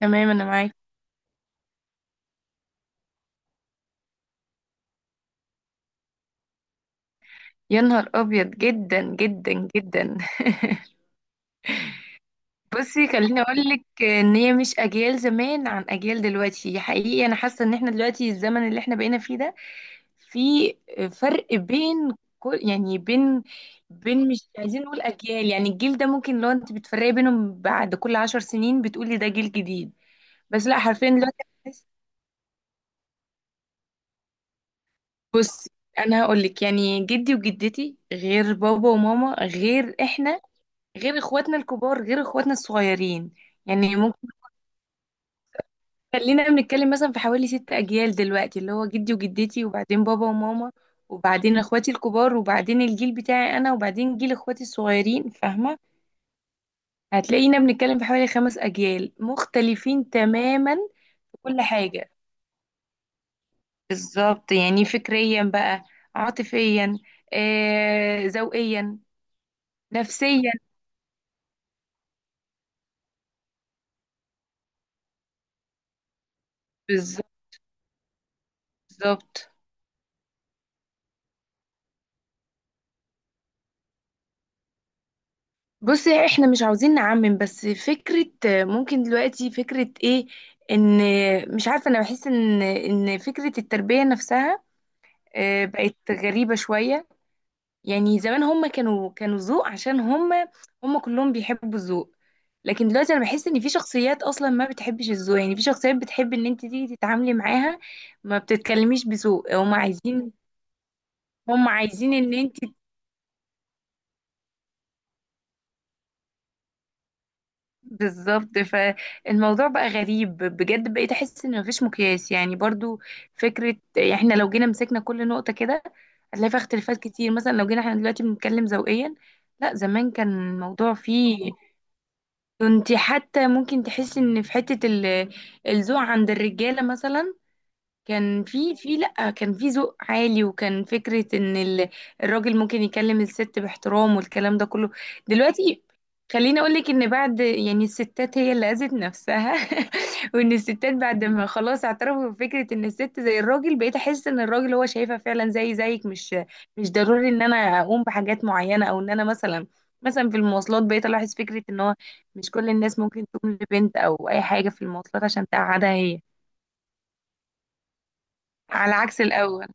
تمام، انا معاك. يا نهار ابيض جدا جدا جدا. بصي، خليني اقول لك ان هي مش اجيال زمان عن اجيال دلوقتي. حقيقي انا حاسه ان احنا دلوقتي الزمن اللي احنا بقينا فيه ده، في فرق بين كل يعني بين مش عايزين نقول اجيال. يعني الجيل ده ممكن لو انت بتفرقي بينهم بعد كل 10 سنين بتقولي ده جيل جديد. بس لا، حرفيا دلوقتي بصي، انا هقول لك يعني جدي وجدتي غير بابا وماما غير احنا، غير اخواتنا الكبار غير اخواتنا الصغيرين. يعني ممكن خلينا بنتكلم مثلا في حوالي 6 اجيال دلوقتي، اللي هو جدي وجدتي، وبعدين بابا وماما، وبعدين اخواتي الكبار، وبعدين الجيل بتاعي انا، وبعدين جيل اخواتي الصغيرين. فاهمة؟ هتلاقينا بنتكلم في حوالي 5 اجيال مختلفين تماما في كل حاجة. بالظبط. يعني فكريا بقى، عاطفيا، ذوقيا، نفسيا. بالظبط بالظبط. بصي، احنا مش عاوزين نعمم، بس فكرة ممكن دلوقتي فكرة ايه؟ ان مش عارفة، انا بحس ان فكرة التربية نفسها بقت غريبة شوية. يعني زمان هم كانوا ذوق عشان هم، هم كلهم بيحبوا الذوق. لكن دلوقتي انا بحس ان في شخصيات اصلا ما بتحبش الذوق. يعني في شخصيات بتحب ان انت تيجي تتعاملي معاها ما بتتكلميش بذوق. هم عايزين، هم عايزين ان انت بالظبط. فالموضوع بقى غريب بجد. بقيت احس ان مفيش مقياس يعني برضو. فكره يعني احنا لو جينا مسكنا كل نقطه كده هتلاقي فيها اختلافات كتير. مثلا لو جينا احنا دلوقتي بنتكلم ذوقيا، لا زمان كان الموضوع فيه، كنت حتى ممكن تحس ان في حته الذوق عند الرجاله مثلا. كان في لأ، كان في ذوق عالي. وكان فكرة ان الراجل ممكن يكلم الست باحترام والكلام ده كله. دلوقتي خليني اقولك ان بعد يعني الستات هي اللي اذت نفسها. وان الستات بعد ما خلاص اعترفوا بفكرة ان الست زي الراجل، بقيت احس ان الراجل هو شايفها فعلا زي زيك، مش ضروري ان انا اقوم بحاجات معينة. او ان انا مثلا، مثلا في المواصلات، بقيت الاحظ فكرة ان هو مش كل الناس ممكن تقوم لبنت او اي حاجة في المواصلات عشان تقعدها هي، على عكس الاول.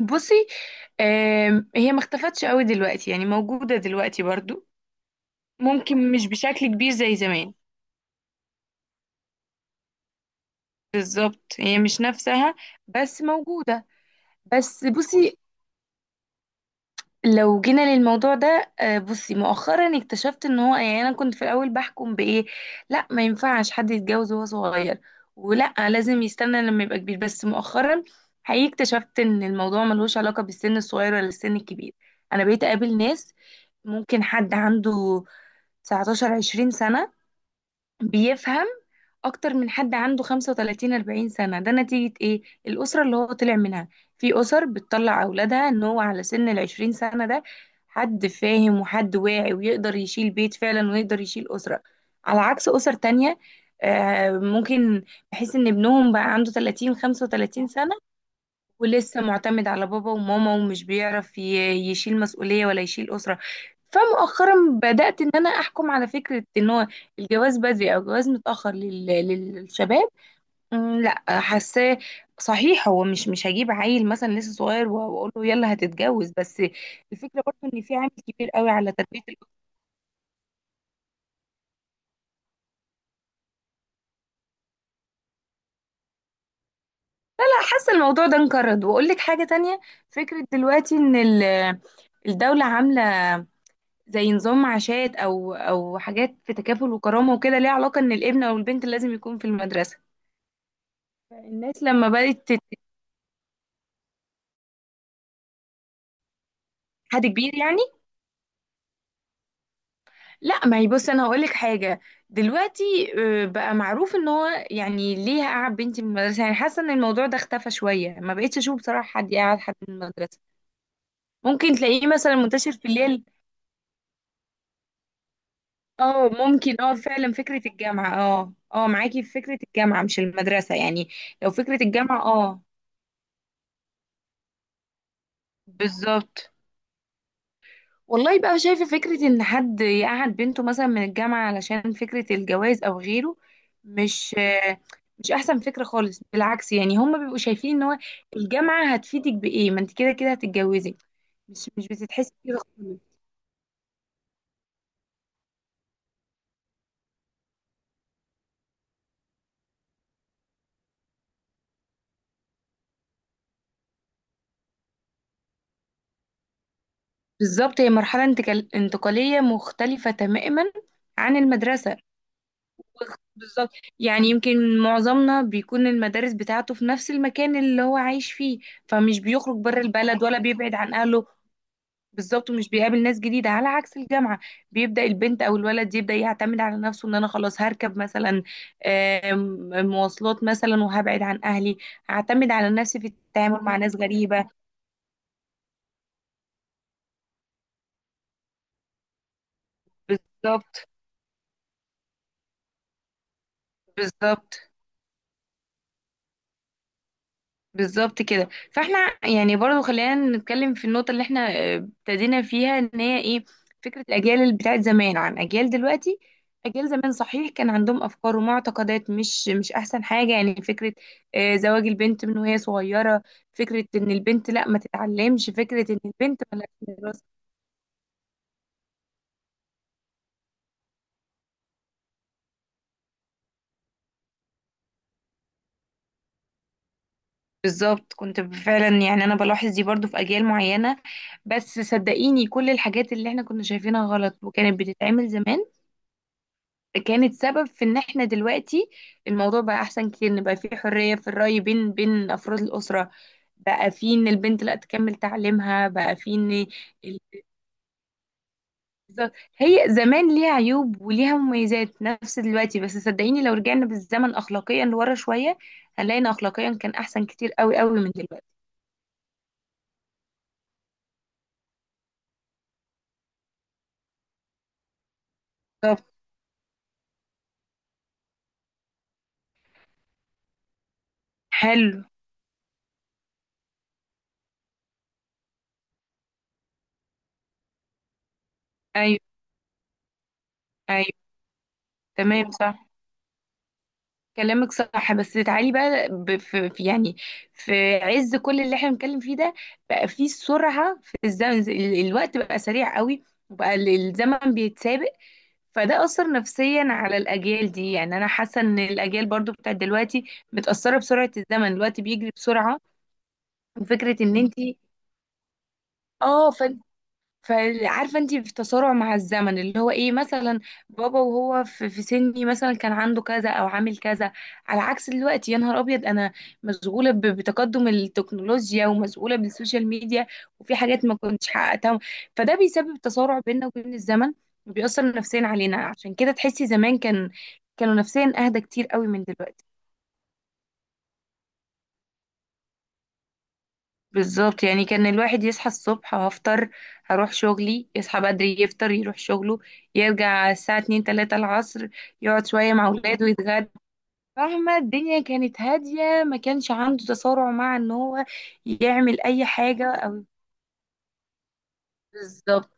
بصي، هي ما اختفتش قوي دلوقتي، يعني موجودة دلوقتي برضو، ممكن مش بشكل كبير زي زمان. بالظبط، هي مش نفسها بس موجودة. بس بصي لو جينا للموضوع ده، بصي، مؤخرا اكتشفت ان هو يعني، انا كنت في الاول بحكم بايه؟ لا، ما ينفعش حد يتجوز وهو صغير، ولا لازم يستنى لما يبقى كبير. بس مؤخرا حقيقي اكتشفت ان الموضوع ملوش علاقة بالسن الصغير ولا السن الكبير. انا بقيت اقابل ناس ممكن حد عنده 19 20 سنة بيفهم اكتر من حد عنده 35 40 سنة. ده نتيجة ايه؟ الاسرة اللي هو طلع منها. في اسر بتطلع اولادها ان هو على سن ال 20 سنة ده حد فاهم وحد واعي ويقدر يشيل بيت فعلا ويقدر يشيل اسرة. على عكس اسر تانية ممكن بحيث ان ابنهم بقى عنده 30 35 سنة ولسه معتمد على بابا وماما ومش بيعرف يشيل مسؤولية ولا يشيل أسرة. فمؤخرا بدأت إن أنا أحكم على فكرة إن هو الجواز بدري أو الجواز متأخر للشباب. لا، حاساه صحيح. هو مش هجيب عيل مثلا لسه صغير واقول له يلا هتتجوز. بس الفكره برضه ان في عامل كبير قوي على تربيه الاسره. لا، حاسه الموضوع ده انقرض. واقول لك حاجه تانية، فكره دلوقتي ان الدوله عامله زي نظام معاشات او حاجات في تكافل وكرامه وكده ليها علاقه ان الابن او البنت لازم يكون في المدرسه. الناس لما بدات حد كبير يعني. لا، ما هي بص، انا هقول لك حاجه. دلوقتي بقى معروف ان هو يعني ليه قعد بنتي من المدرسه؟ يعني حاسه ان الموضوع ده اختفى شويه. ما بقتش اشوف بصراحه حد يقعد حد من المدرسه. ممكن تلاقيه مثلا منتشر في الليل. اه ممكن، اه فعلا فكره الجامعه، اه اه معاكي في فكره الجامعه مش المدرسه يعني. لو فكره الجامعه، اه بالظبط. والله بقى، شايفة فكرة إن حد يقعد بنته مثلا من الجامعة علشان فكرة الجواز أو غيره، مش مش أحسن فكرة خالص. بالعكس يعني، هما بيبقوا شايفين إن هو الجامعة هتفيدك بإيه ما أنت كده كده هتتجوزي؟ مش بتتحسي كده خالص. بالظبط، هي مرحلة انتقالية مختلفة تماما عن المدرسة. بالظبط. يعني يمكن معظمنا بيكون المدارس بتاعته في نفس المكان اللي هو عايش فيه، فمش بيخرج بره البلد ولا بيبعد عن أهله. بالظبط، ومش بيقابل ناس جديدة على عكس الجامعة. بيبدأ البنت أو الولد يبدأ يعتمد على نفسه، إن أنا خلاص هركب مثلا مواصلات مثلا، وهبعد عن أهلي. هعتمد على نفسي في التعامل مع ناس غريبة. بالظبط بالظبط. بالظبط كده. فاحنا يعني برضو خلينا نتكلم في النقطة اللي احنا ابتدينا فيها، ان هي ايه؟ فكرة الأجيال اللي بتاعت زمان عن أجيال دلوقتي. أجيال زمان صحيح كان عندهم أفكار ومعتقدات مش أحسن حاجة. يعني فكرة زواج البنت من وهي صغيرة، فكرة إن البنت لا ما تتعلمش، فكرة إن البنت ملهاش دراسة. بالظبط، كنت فعلا يعني أنا بلاحظ دي برضو في أجيال معينة. بس صدقيني كل الحاجات اللي احنا كنا شايفينها غلط وكانت بتتعمل زمان، كانت سبب في ان احنا دلوقتي الموضوع بقى احسن كتير. ان بقى في حرية في الرأي بين افراد الأسرة. بقى في ان البنت لا تكمل تعليمها، بقى في ان ال- هي زمان ليها عيوب وليها مميزات نفس دلوقتي. بس صدقيني لو رجعنا بالزمن اخلاقيا لورا شوية، هنلاقي ان اخلاقيا كان احسن كتير قوي قوي من دلوقتي. بالظبط. حلو. ايوه، ايوه، تمام، صح. كلامك صح، بس تعالي بقى يعني في عز كل اللي احنا بنتكلم فيه ده، بقى في سرعة في الزمن. الوقت بقى سريع قوي. وبقى الزمن بيتسابق. فده أثر نفسيا على الأجيال دي. يعني أنا حاسة إن الأجيال برضو بتاعت دلوقتي متأثرة بسرعة الزمن. الوقت بيجري بسرعة وفكرة إن انتي، اه، فعارفه انت في تسارع مع الزمن اللي هو ايه مثلا؟ بابا وهو في سني مثلا كان عنده كذا او عامل كذا. على عكس دلوقتي، يا نهار ابيض، انا مشغوله بتقدم التكنولوجيا ومشغوله بالسوشيال ميديا، وفي حاجات ما كنتش حققتها. فده بيسبب تسارع بيننا وبين الزمن، وبيأثر نفسيا علينا. عشان كده تحسي زمان كان، كانوا نفسيا اهدى كتير قوي من دلوقتي. بالظبط، يعني كان الواحد يصحى الصبح هفطر هروح شغلي، يصحى بدري يفطر يروح شغله، يرجع الساعة اتنين تلاتة العصر، يقعد شوية مع ولاده يتغدى. فاهمة؟ الدنيا كانت هادية، ما كانش عنده تسارع مع ان هو يعمل اي حاجة او بالظبط.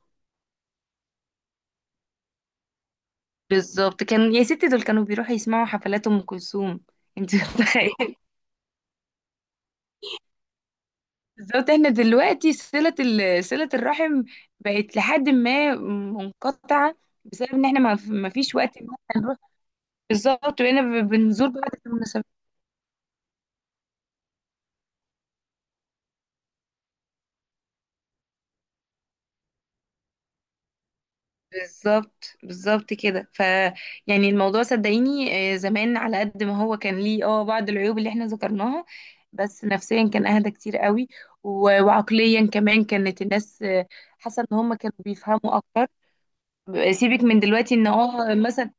بالظبط، كان يا ستي دول كانوا بيروحوا يسمعوا حفلات ام كلثوم. انت متخيل؟ بالظبط، احنا دلوقتي صلة صلة الرحم بقت لحد ما منقطعة بسبب ان احنا ما فيش وقت. بالظبط، بقينا بنزور بعض في المناسبات. بالظبط بالظبط كده. ف يعني الموضوع صدقيني زمان على قد ما هو كان ليه بعض العيوب اللي احنا ذكرناها، بس نفسيا كان اهدى كتير قوي. وعقليا كمان كانت الناس حاسه ان هم كانوا بيفهموا اكتر. سيبك من دلوقتي ان مثلا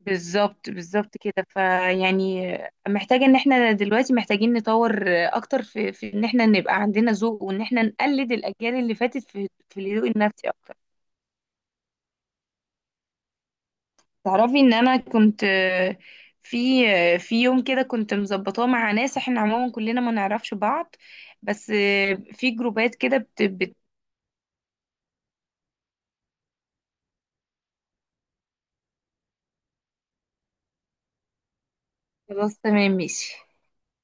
بالظبط. بالظبط كده. فيعني محتاجة ان احنا دلوقتي محتاجين نطور اكتر في، ان احنا نبقى عندنا ذوق، وان احنا نقلد الاجيال اللي فاتت في في الذوق النفسي اكتر. تعرفي ان انا كنت في في يوم كده كنت مظبطاه مع ناس احنا عموما كلنا ما نعرفش بعض. بس في جروبات كده خلاص تمام ماشي.